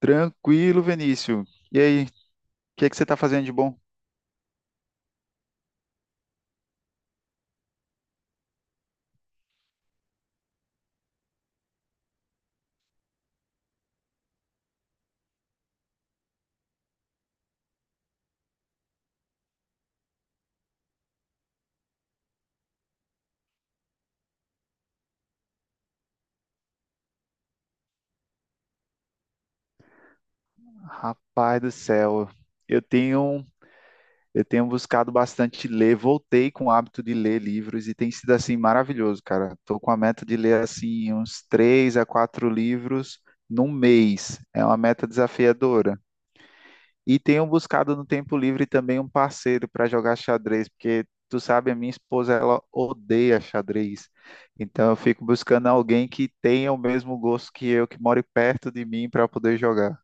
Tranquilo, Vinícius. E aí, o que é que você está fazendo de bom? Rapaz do céu, eu tenho eu tenho buscado bastante ler, voltei com o hábito de ler livros e tem sido assim maravilhoso, cara. Estou com a meta de ler assim uns três a quatro livros num mês. É uma meta desafiadora. E tenho buscado no tempo livre também um parceiro para jogar xadrez, porque tu sabe, a minha esposa ela odeia xadrez. Então eu fico buscando alguém que tenha o mesmo gosto que eu, que more perto de mim para poder jogar.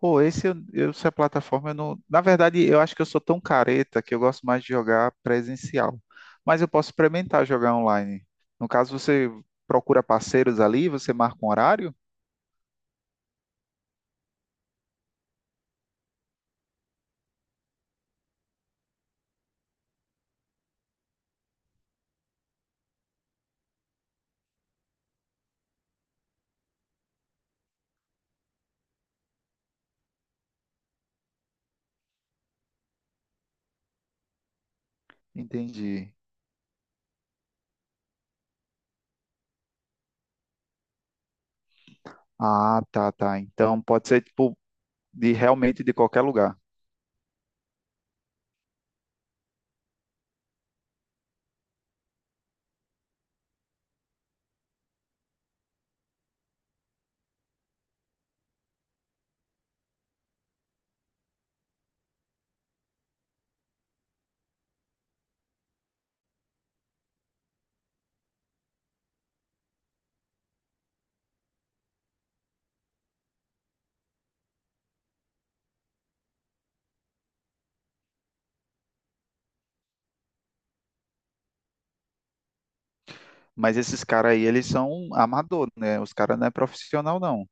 Ou esse eu- Essa plataforma eu não, na verdade, eu acho que eu sou tão careta que eu gosto mais de jogar presencial, mas eu posso experimentar jogar online. No caso, você procura parceiros ali, você marca um horário? Entendi. Ah, tá, tá. Então pode ser tipo de realmente de qualquer lugar. Mas esses caras aí, eles são amador, né? Os caras não é profissional, não.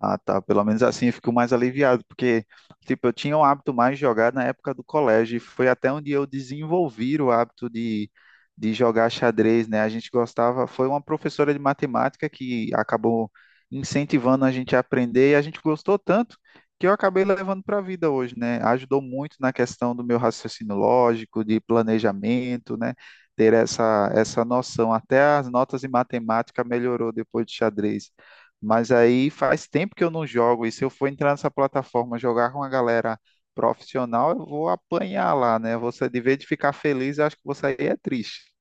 Ah, tá. Pelo menos assim eu fico mais aliviado, porque, tipo, eu tinha o hábito mais de jogar na época do colégio, e foi até onde eu desenvolvi o hábito de jogar xadrez, né? A gente gostava, foi uma professora de matemática que acabou incentivando a gente a aprender, e a gente gostou tanto que eu acabei levando para a vida hoje, né? Ajudou muito na questão do meu raciocínio lógico, de planejamento, né? Ter essa, essa noção. Até as notas em matemática melhorou depois de xadrez. Mas aí faz tempo que eu não jogo. E se eu for entrar nessa plataforma jogar com a galera profissional, eu vou apanhar lá, né? Você, de vez de ficar feliz, eu acho que você aí é triste.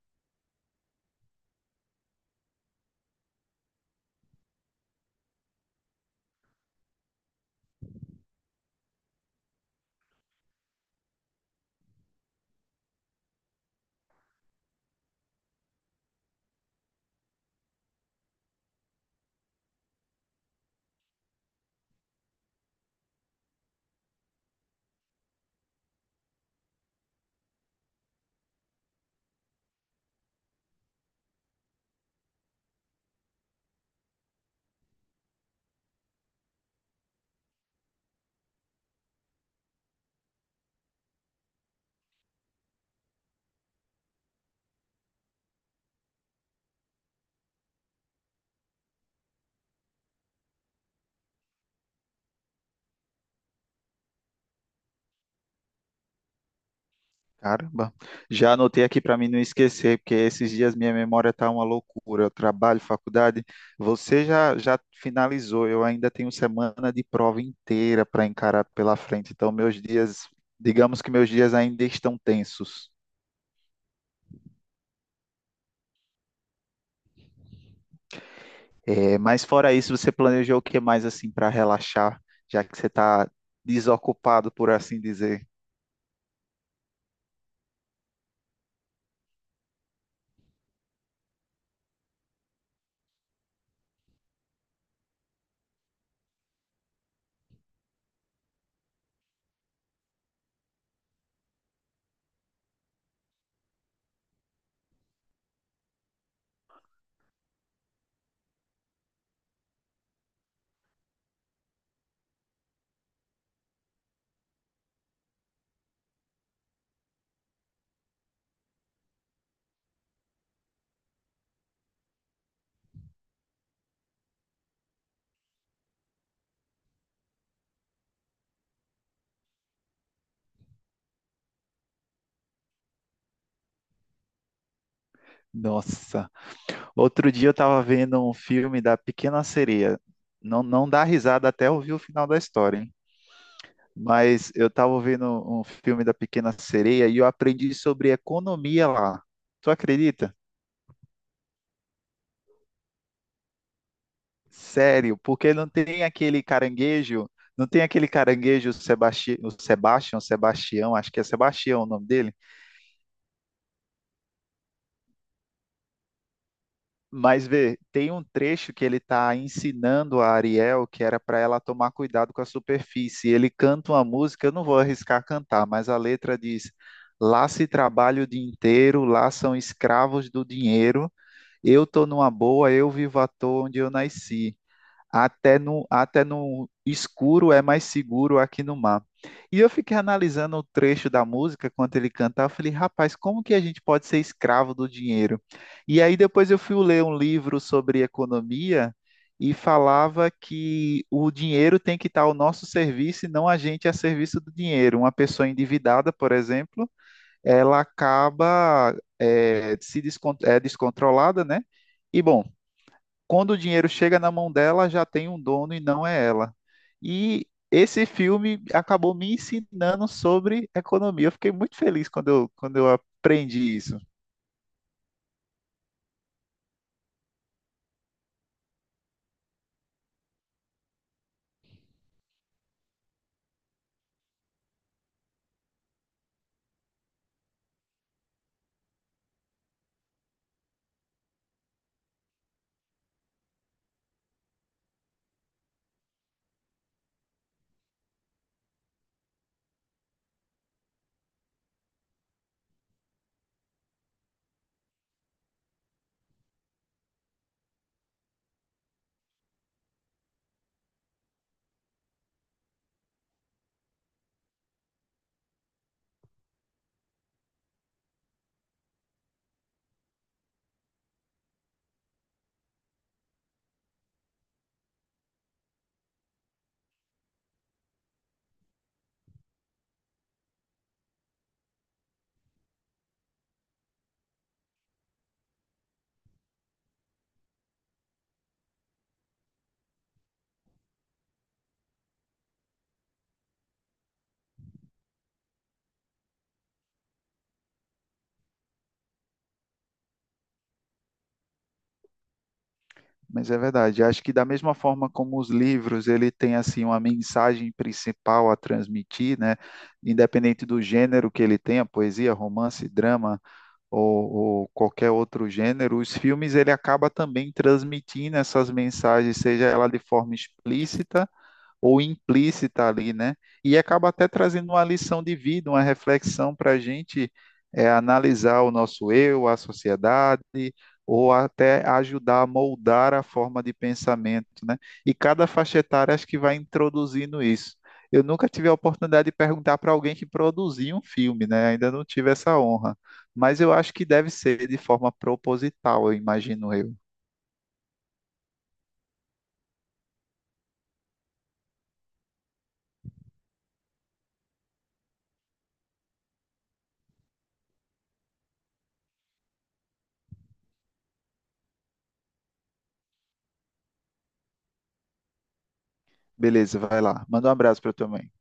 Caramba, já anotei aqui para mim não esquecer, porque esses dias minha memória tá uma loucura. Eu trabalho, faculdade. Você já, já finalizou, eu ainda tenho semana de prova inteira para encarar pela frente. Então, meus dias, digamos que meus dias ainda estão tensos. É, mas fora isso, você planejou o que mais assim para relaxar, já que você está desocupado, por assim dizer? Nossa, outro dia eu estava vendo um filme da Pequena Sereia. Não, não dá risada até ouvir o final da história, hein? Mas eu estava vendo um filme da Pequena Sereia e eu aprendi sobre economia lá. Tu acredita? Sério, porque não tem aquele caranguejo, não tem aquele caranguejo o Sebastião, Sebastião, acho que é Sebastião o nome dele. Mas vê, tem um trecho que ele está ensinando a Ariel que era para ela tomar cuidado com a superfície. Ele canta uma música, eu não vou arriscar cantar, mas a letra diz: lá se trabalha o dia inteiro, lá são escravos do dinheiro. Eu tô numa boa, eu vivo à toa onde eu nasci. Até no escuro é mais seguro aqui no mar. E eu fiquei analisando o trecho da música quando ele cantava. Eu falei, rapaz, como que a gente pode ser escravo do dinheiro? E aí depois eu fui ler um livro sobre economia e falava que o dinheiro tem que estar ao nosso serviço e não a gente a serviço do dinheiro. Uma pessoa endividada, por exemplo, ela acaba se descontrolada, né? E bom, quando o dinheiro chega na mão dela, já tem um dono e não é ela. E esse filme acabou me ensinando sobre economia. Eu fiquei muito feliz quando eu aprendi isso. Mas é verdade, acho que da mesma forma como os livros, ele tem assim uma mensagem principal a transmitir, né? Independente do gênero que ele tenha, poesia, romance, drama ou, ou qualquer outro gênero, os filmes ele acaba também transmitindo essas mensagens, seja ela de forma explícita ou implícita ali, né? E acaba até trazendo uma lição de vida, uma reflexão para a gente é, analisar o nosso eu, a sociedade, ou até ajudar a moldar a forma de pensamento, né? E cada faixa etária acho que vai introduzindo isso. Eu nunca tive a oportunidade de perguntar para alguém que produziu um filme, né? Ainda não tive essa honra. Mas eu acho que deve ser de forma proposital, eu imagino eu. Beleza, vai lá. Manda um abraço para tua mãe.